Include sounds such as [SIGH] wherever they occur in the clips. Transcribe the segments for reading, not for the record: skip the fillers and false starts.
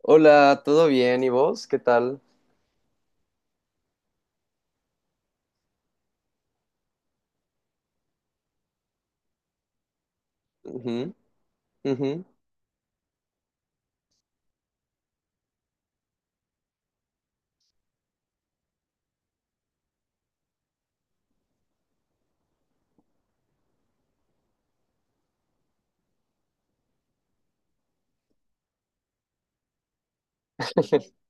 Hola, ¿todo bien? ¿Y vos? ¿Qué tal? Ujú, ujú. [LAUGHS]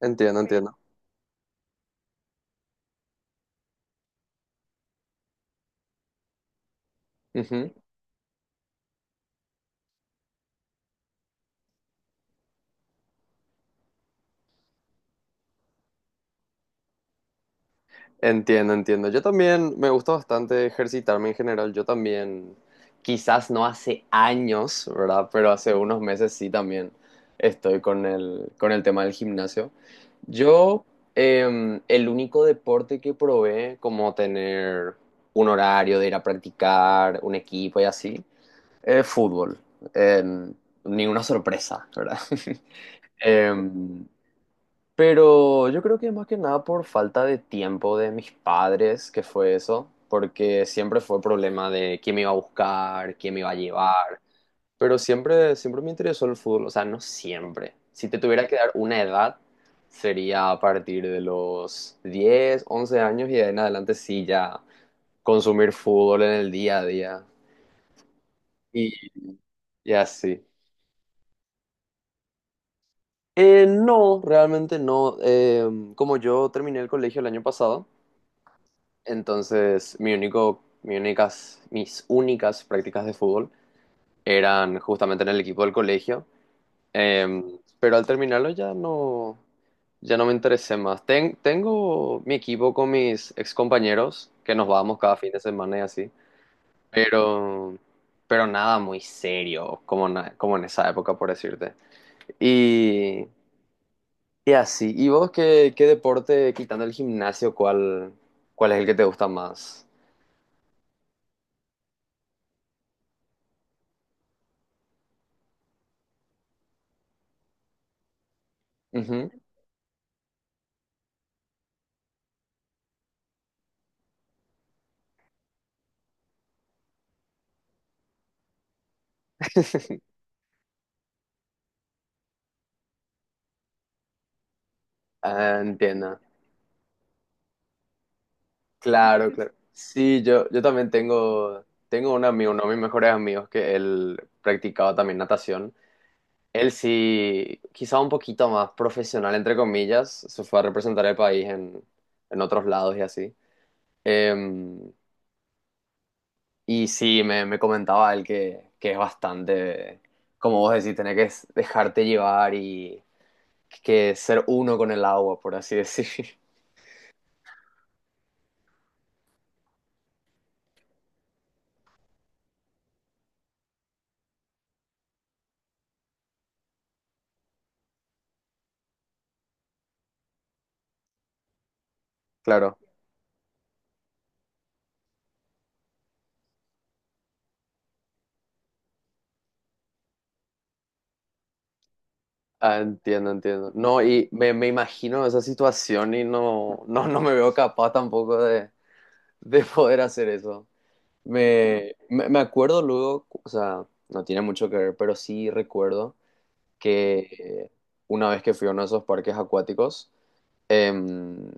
Entiendo, entiendo. Ujú. Entiendo, entiendo. Yo también me gusta bastante ejercitarme en general. Yo también, quizás no hace años, ¿verdad? Pero hace unos meses sí también estoy con el tema del gimnasio. Yo, el único deporte que probé, como tener un horario de ir a practicar, un equipo y así, es fútbol. Em, Ninguna sorpresa, ¿verdad? [LAUGHS] Em, pero yo creo que más que nada por falta de tiempo de mis padres, que fue eso, porque siempre fue problema de quién me iba a buscar, quién me iba a llevar, pero siempre, siempre me interesó el fútbol, o sea, no siempre. Si te tuviera que dar una edad, sería a partir de los 10 u 11 años, y de ahí en adelante sí ya consumir fútbol en el día a día y, y así. No, realmente no. Como yo terminé el colegio el año pasado, entonces mi único, mi únicas, mis únicas prácticas de fútbol eran justamente en el equipo del colegio. Pero al terminarlo ya no, ya no me interesé más. Tengo mi equipo con mis excompañeros, que nos vamos cada fin de semana y así, pero, pero nada muy serio, como, como en esa época, por decirte. Y, y así, ¿y vos qué, qué deporte, quitando el gimnasio, cuál, cuál es el que te gusta más? Ujú. Ah, entiendo. Claro, claro. Sí, yo también tengo, tengo un amigo, uno de mis mejores amigos, que él practicaba también natación. Él sí, quizá un poquito más profesional, entre comillas, se fue a representar el país en otros lados y así. Em, y sí, me comentaba él que es bastante, como vos decís, tener que dejarte llevar y que ser uno con el agua, por así decir. [LAUGHS] Claro. Ah, entiendo, entiendo. No, y me imagino esa situación y no, no, no me veo capaz tampoco de, de poder hacer eso. Me acuerdo luego, o sea, no tiene mucho que ver, pero sí recuerdo que una vez que fui a uno de esos parques acuáticos, em,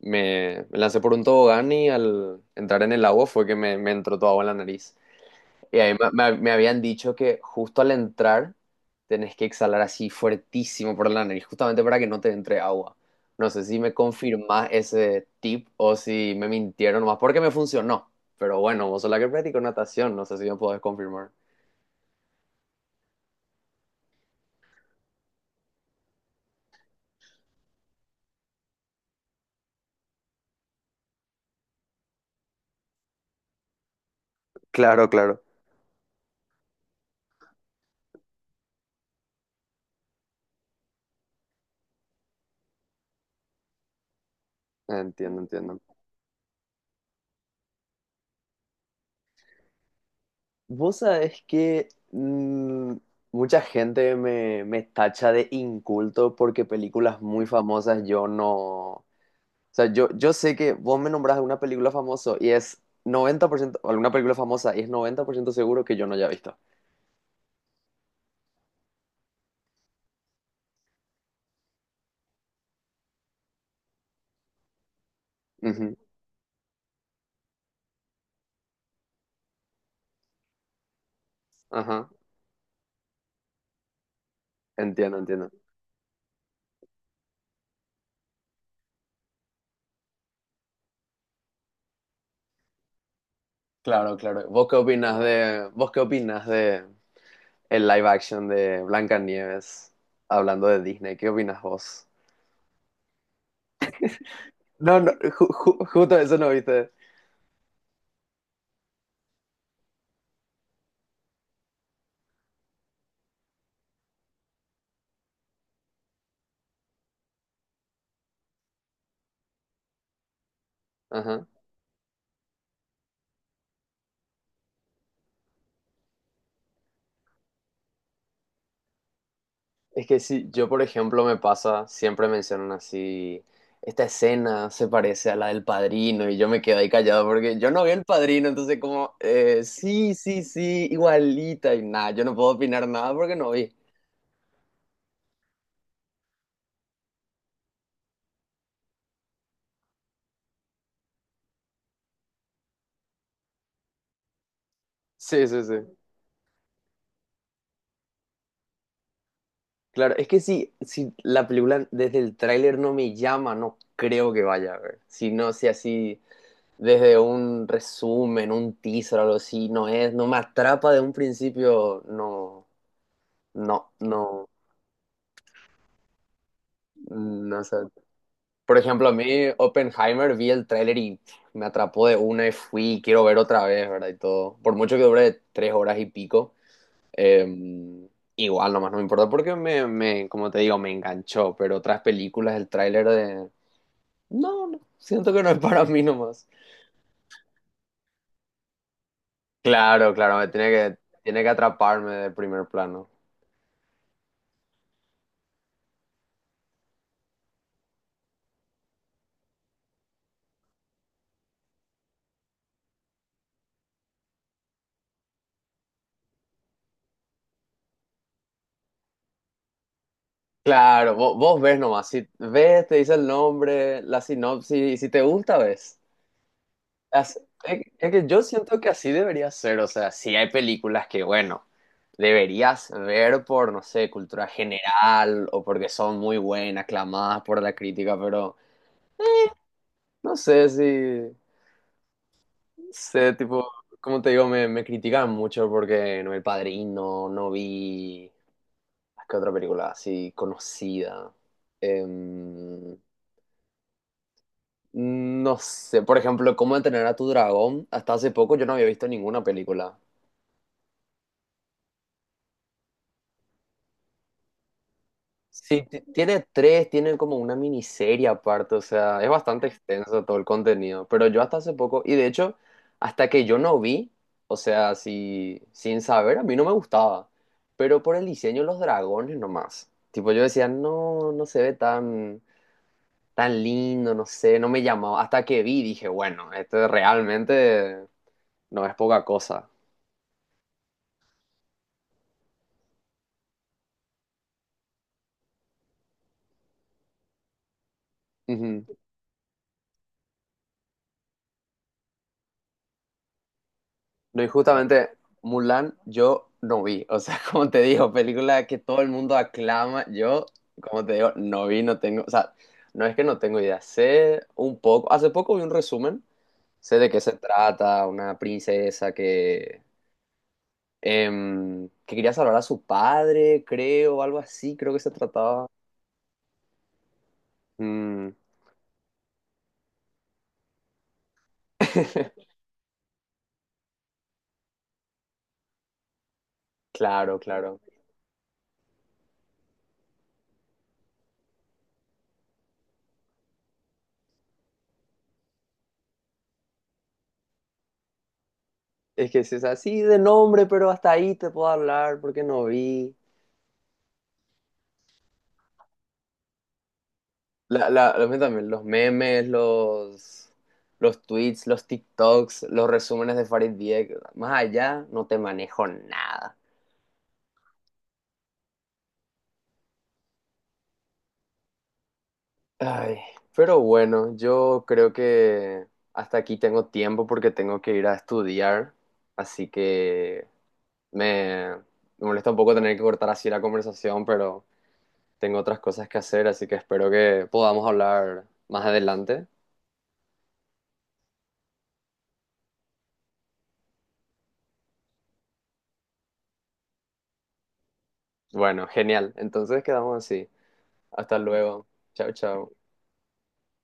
me, me lancé por un tobogán y al entrar en el agua fue que me entró toda agua en la nariz. Y a mí me, me habían dicho que justo al entrar tenés que exhalar así fuertísimo por la nariz, justamente para que no te entre agua. No sé si me confirmás ese tip o si me mintieron más porque me funcionó. Pero bueno, vos sos la que practicó natación, no sé si me podés confirmar. Claro, claro. Entiendo, entiendo. Vos sabés que mucha gente me, me tacha de inculto porque películas muy famosas yo no. O sea, yo sé que vos me nombrás alguna película famosa y es 90% o alguna película famosa y es 90% seguro que yo no haya visto. Ujú, ajá, entiendo, entiendo. Claro, claro. ¿Vos qué opinas de, vos qué opinas de el live action de Blancanieves, hablando de Disney? ¿Qué opinas vos? No, no, justo eso no viste. Ajá. Es que si yo, por ejemplo, me pasa, siempre mencionan así, esta escena se parece a la del Padrino, y yo me quedo ahí callado porque yo no vi el Padrino, entonces como, sí, sí, sí, igualita, y nada, yo no puedo opinar nada porque no vi. Sí, sí, sí. Claro, es que si, si la película desde el tráiler no me llama, no creo que vaya a ver. Si no, si así desde un resumen, un teaser o algo así, no es, no me atrapa de un principio, no, no, no. No sé. Por ejemplo, a mí Oppenheimer vi el tráiler y me atrapó de una y fui, quiero ver otra vez, ¿verdad? Y todo. Por mucho que dure 3 horas y pico, eh, igual nomás no me importa porque me, como te digo, me enganchó. Pero otras películas, el tráiler de... No, no, siento que no es para mí nomás. Claro, claro, me tiene que atraparme de primer plano. Claro, vos, vos ves nomás, si ves, te dice el nombre, la sinopsis, y si te gusta, ves. as- es que yo siento que así debería ser, o sea, si hay películas que, bueno, deberías ver por, no sé, cultura general o porque son muy buenas, aclamadas por la crítica, pero no sé si, sé, tipo, como te digo, me critican mucho porque no vi El Padrino, no vi. ¿Qué otra película así conocida? Em, no sé, por ejemplo, ¿Cómo entrenar a tu dragón? Hasta hace poco yo no había visto ninguna película. Sí, tiene tres, tiene como una miniserie aparte, o sea, es bastante extenso todo el contenido, pero yo hasta hace poco, y de hecho, hasta que yo no vi, o sea, si, sin saber, a mí no me gustaba, pero por el diseño de los dragones nomás, tipo yo decía, no, no se ve tan, tan lindo, no sé, no me llamaba, hasta que vi, dije, bueno, esto realmente no es poca cosa. Ujú. No, y justamente Mulan yo no vi. O sea, [LAUGHS] como te digo, película que todo el mundo aclama. Yo, como te digo, no vi, no tengo. O sea, no es que no tengo idea. Sé un poco. Hace poco vi un resumen. Sé de qué se trata. Una princesa que, que quería salvar a su padre, creo, algo así, creo que se trataba. Mm. [LAUGHS] Claro, claro. Es que si es así de nombre, pero hasta ahí te puedo hablar porque no vi. La, lo mío también, los memes, los tweets, los TikToks, los resúmenes de Farid Dieck, más allá no te manejo nada. Ay, pero bueno, yo creo que hasta aquí tengo tiempo porque tengo que ir a estudiar, así que me, me molesta un poco tener que cortar así la conversación, pero tengo otras cosas que hacer, así que espero que podamos hablar más adelante. Bueno, genial, entonces quedamos así. Hasta luego. Chao, chao.